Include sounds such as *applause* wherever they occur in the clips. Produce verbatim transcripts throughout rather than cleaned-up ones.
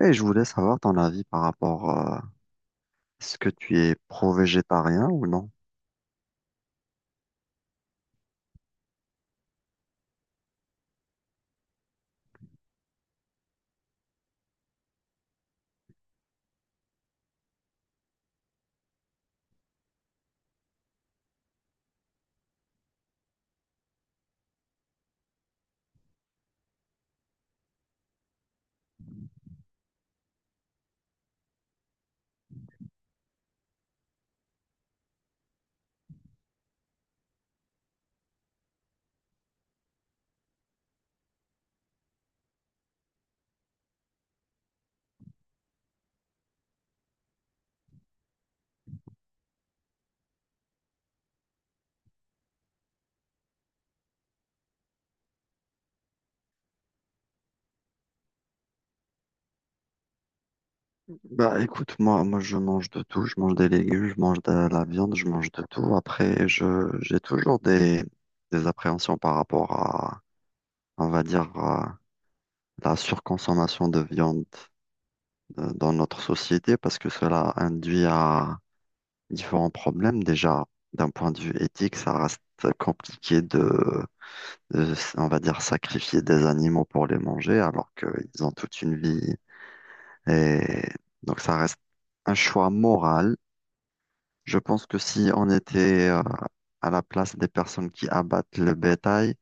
Et je voulais savoir ton avis par rapport à ce que tu es pro-végétarien ou non? Bah écoute, moi, moi je mange de tout, je mange des légumes, je mange de la viande, je mange de tout. Après, je j'ai toujours des, des appréhensions par rapport à, on va dire, à la surconsommation de viande euh, dans notre société parce que cela induit à différents problèmes. Déjà, d'un point de vue éthique, ça reste compliqué de euh, on va dire, sacrifier des animaux pour les manger alors qu'ils ont toute une vie. Et donc ça reste un choix moral. Je pense que si on était euh, à la place des personnes qui abattent le bétail,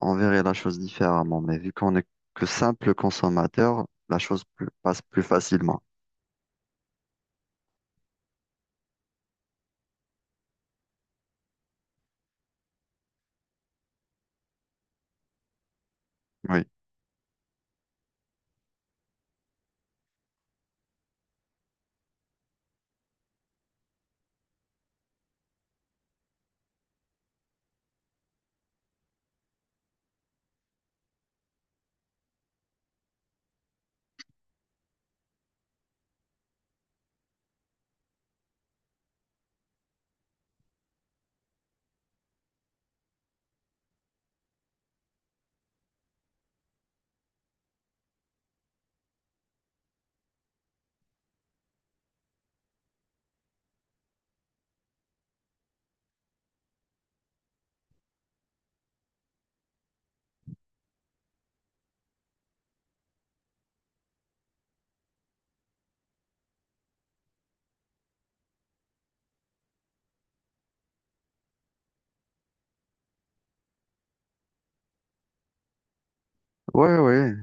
on verrait la chose différemment. Mais vu qu'on est que simple consommateur, la chose plus- passe plus facilement. Oui, oui, oui,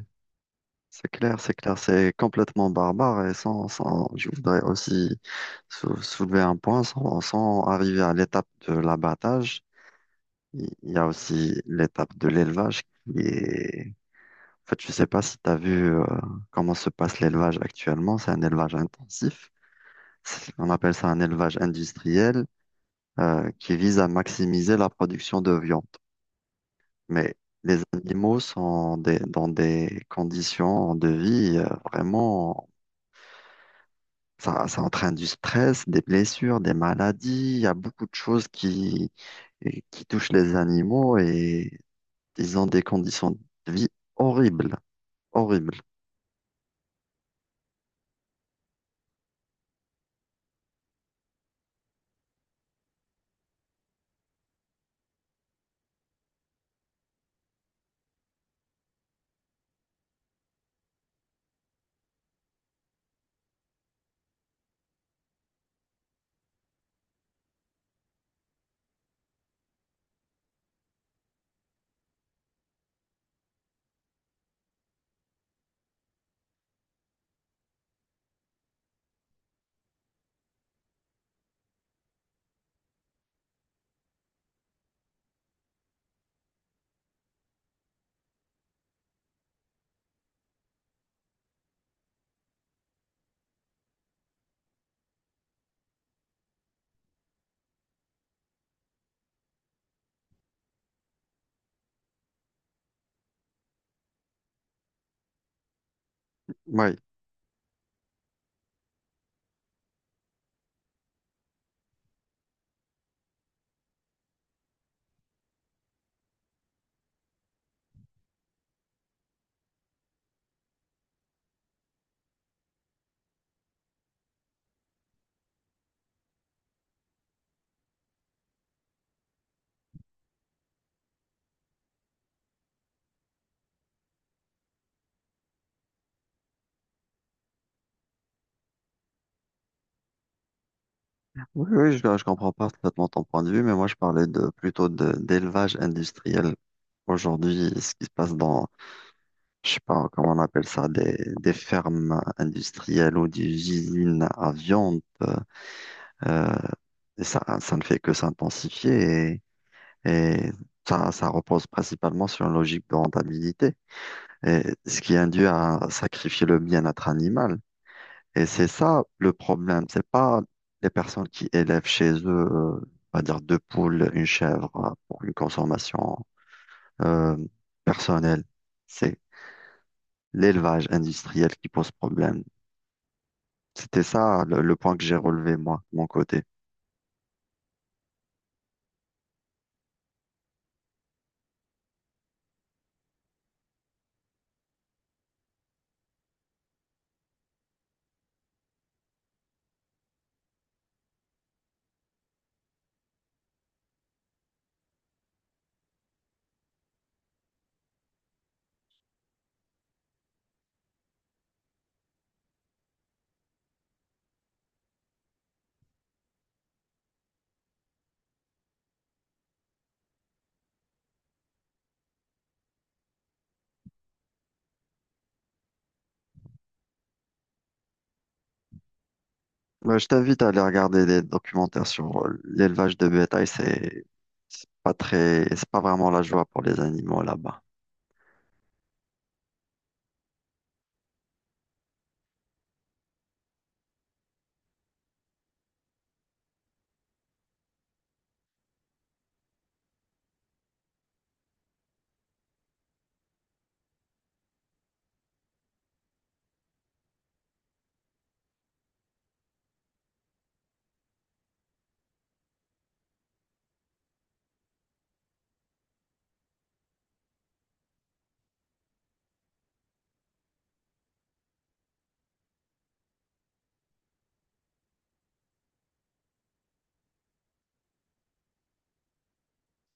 c'est clair, c'est clair, c'est complètement barbare et sans, sans, je voudrais aussi sou- soulever un point sans, sans arriver à l'étape de l'abattage. Il il y a aussi l'étape de l'élevage qui est... En fait, je sais pas si tu as vu euh, comment se passe l'élevage actuellement. C'est un élevage intensif. C'est- On appelle ça un élevage industriel euh, qui vise à maximiser la production de viande. Mais les animaux sont des- dans des conditions de vie euh, vraiment... Ça, ça entraîne du stress, des blessures, des maladies. Il y a beaucoup de choses qui, qui touchent les animaux et ils ont des conditions de vie horribles. Horrible. Oui. Oui, oui, je, je comprends parfaitement ton point de vue, mais moi je parlais de plutôt de d'élevage industriel. Aujourd'hui, ce qui se passe dans, je sais pas comment on appelle ça, des, des fermes industrielles ou des usines à viande, euh, et ça, ça ne fait que s'intensifier et, et ça, ça repose principalement sur une logique de rentabilité, et ce qui induit à sacrifier le bien-être animal. Et c'est ça le problème. C'est pas les personnes qui élèvent chez eux, euh, on va dire deux poules, une chèvre euh, pour une consommation euh, personnelle. C'est l'élevage industriel qui pose problème. C'était ça le, le point que j'ai relevé moi, de mon côté. Moi, je t'invite à aller regarder des documentaires sur euh, l'élevage de bétail. C'est c'est pas très, c'est pas vraiment la joie pour les animaux là-bas.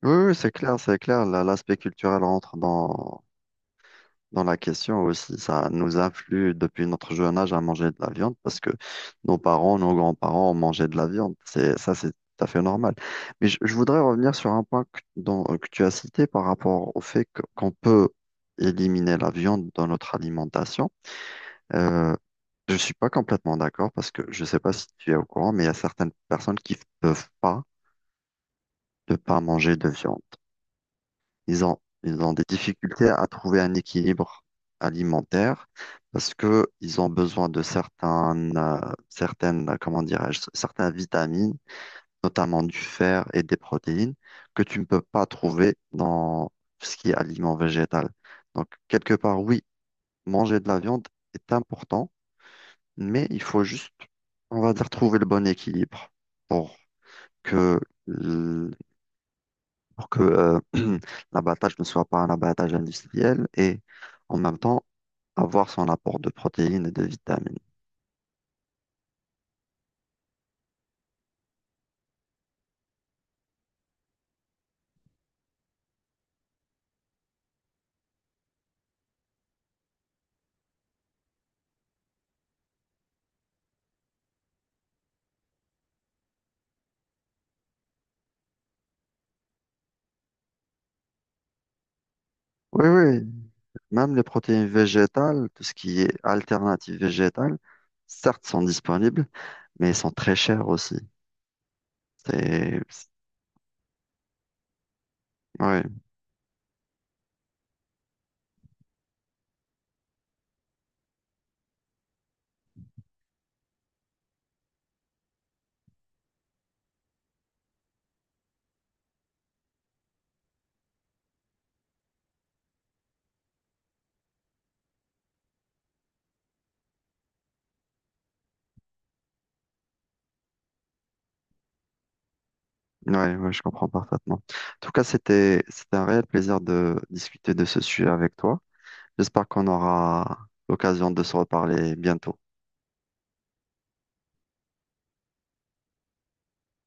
Oui, oui, c'est clair, c'est clair. La- L'aspect culturel rentre dans dans la question aussi, ça nous influe depuis notre jeune âge à manger de la viande parce que nos parents, nos grands-parents ont mangé de la viande. C'est, ça, c'est tout à fait normal. Mais je, je voudrais revenir sur un point que, dont- euh, que tu as cité par rapport au fait que- qu'on peut éliminer la viande dans notre alimentation. Euh, je suis pas complètement d'accord parce que je sais pas si tu es au courant, mais il y a certaines personnes qui ne peuvent pas ne pas manger de viande. Ils ont, ils ont des difficultés à trouver un équilibre alimentaire parce que ils ont besoin de certaines, euh, certaines, euh, comment dirais-je, certaines vitamines, notamment du fer et des protéines, que tu ne peux pas trouver dans ce qui est aliment végétal. Donc, quelque part, oui, manger de la viande est important, mais il faut juste, on va dire, trouver le bon équilibre pour que pour que euh, *clears throat* l'abattage ne soit pas un abattage industriel et en même temps avoir son apport de protéines et de vitamines. Oui, oui, même les protéines végétales, tout ce qui est alternative végétale, certes sont disponibles, mais elles sont très chères aussi. C'est, ouais, ouais, ouais, je comprends parfaitement. En tout cas, c'était, c'était un réel plaisir de discuter de ce sujet avec toi. J'espère qu'on aura l'occasion de se reparler bientôt.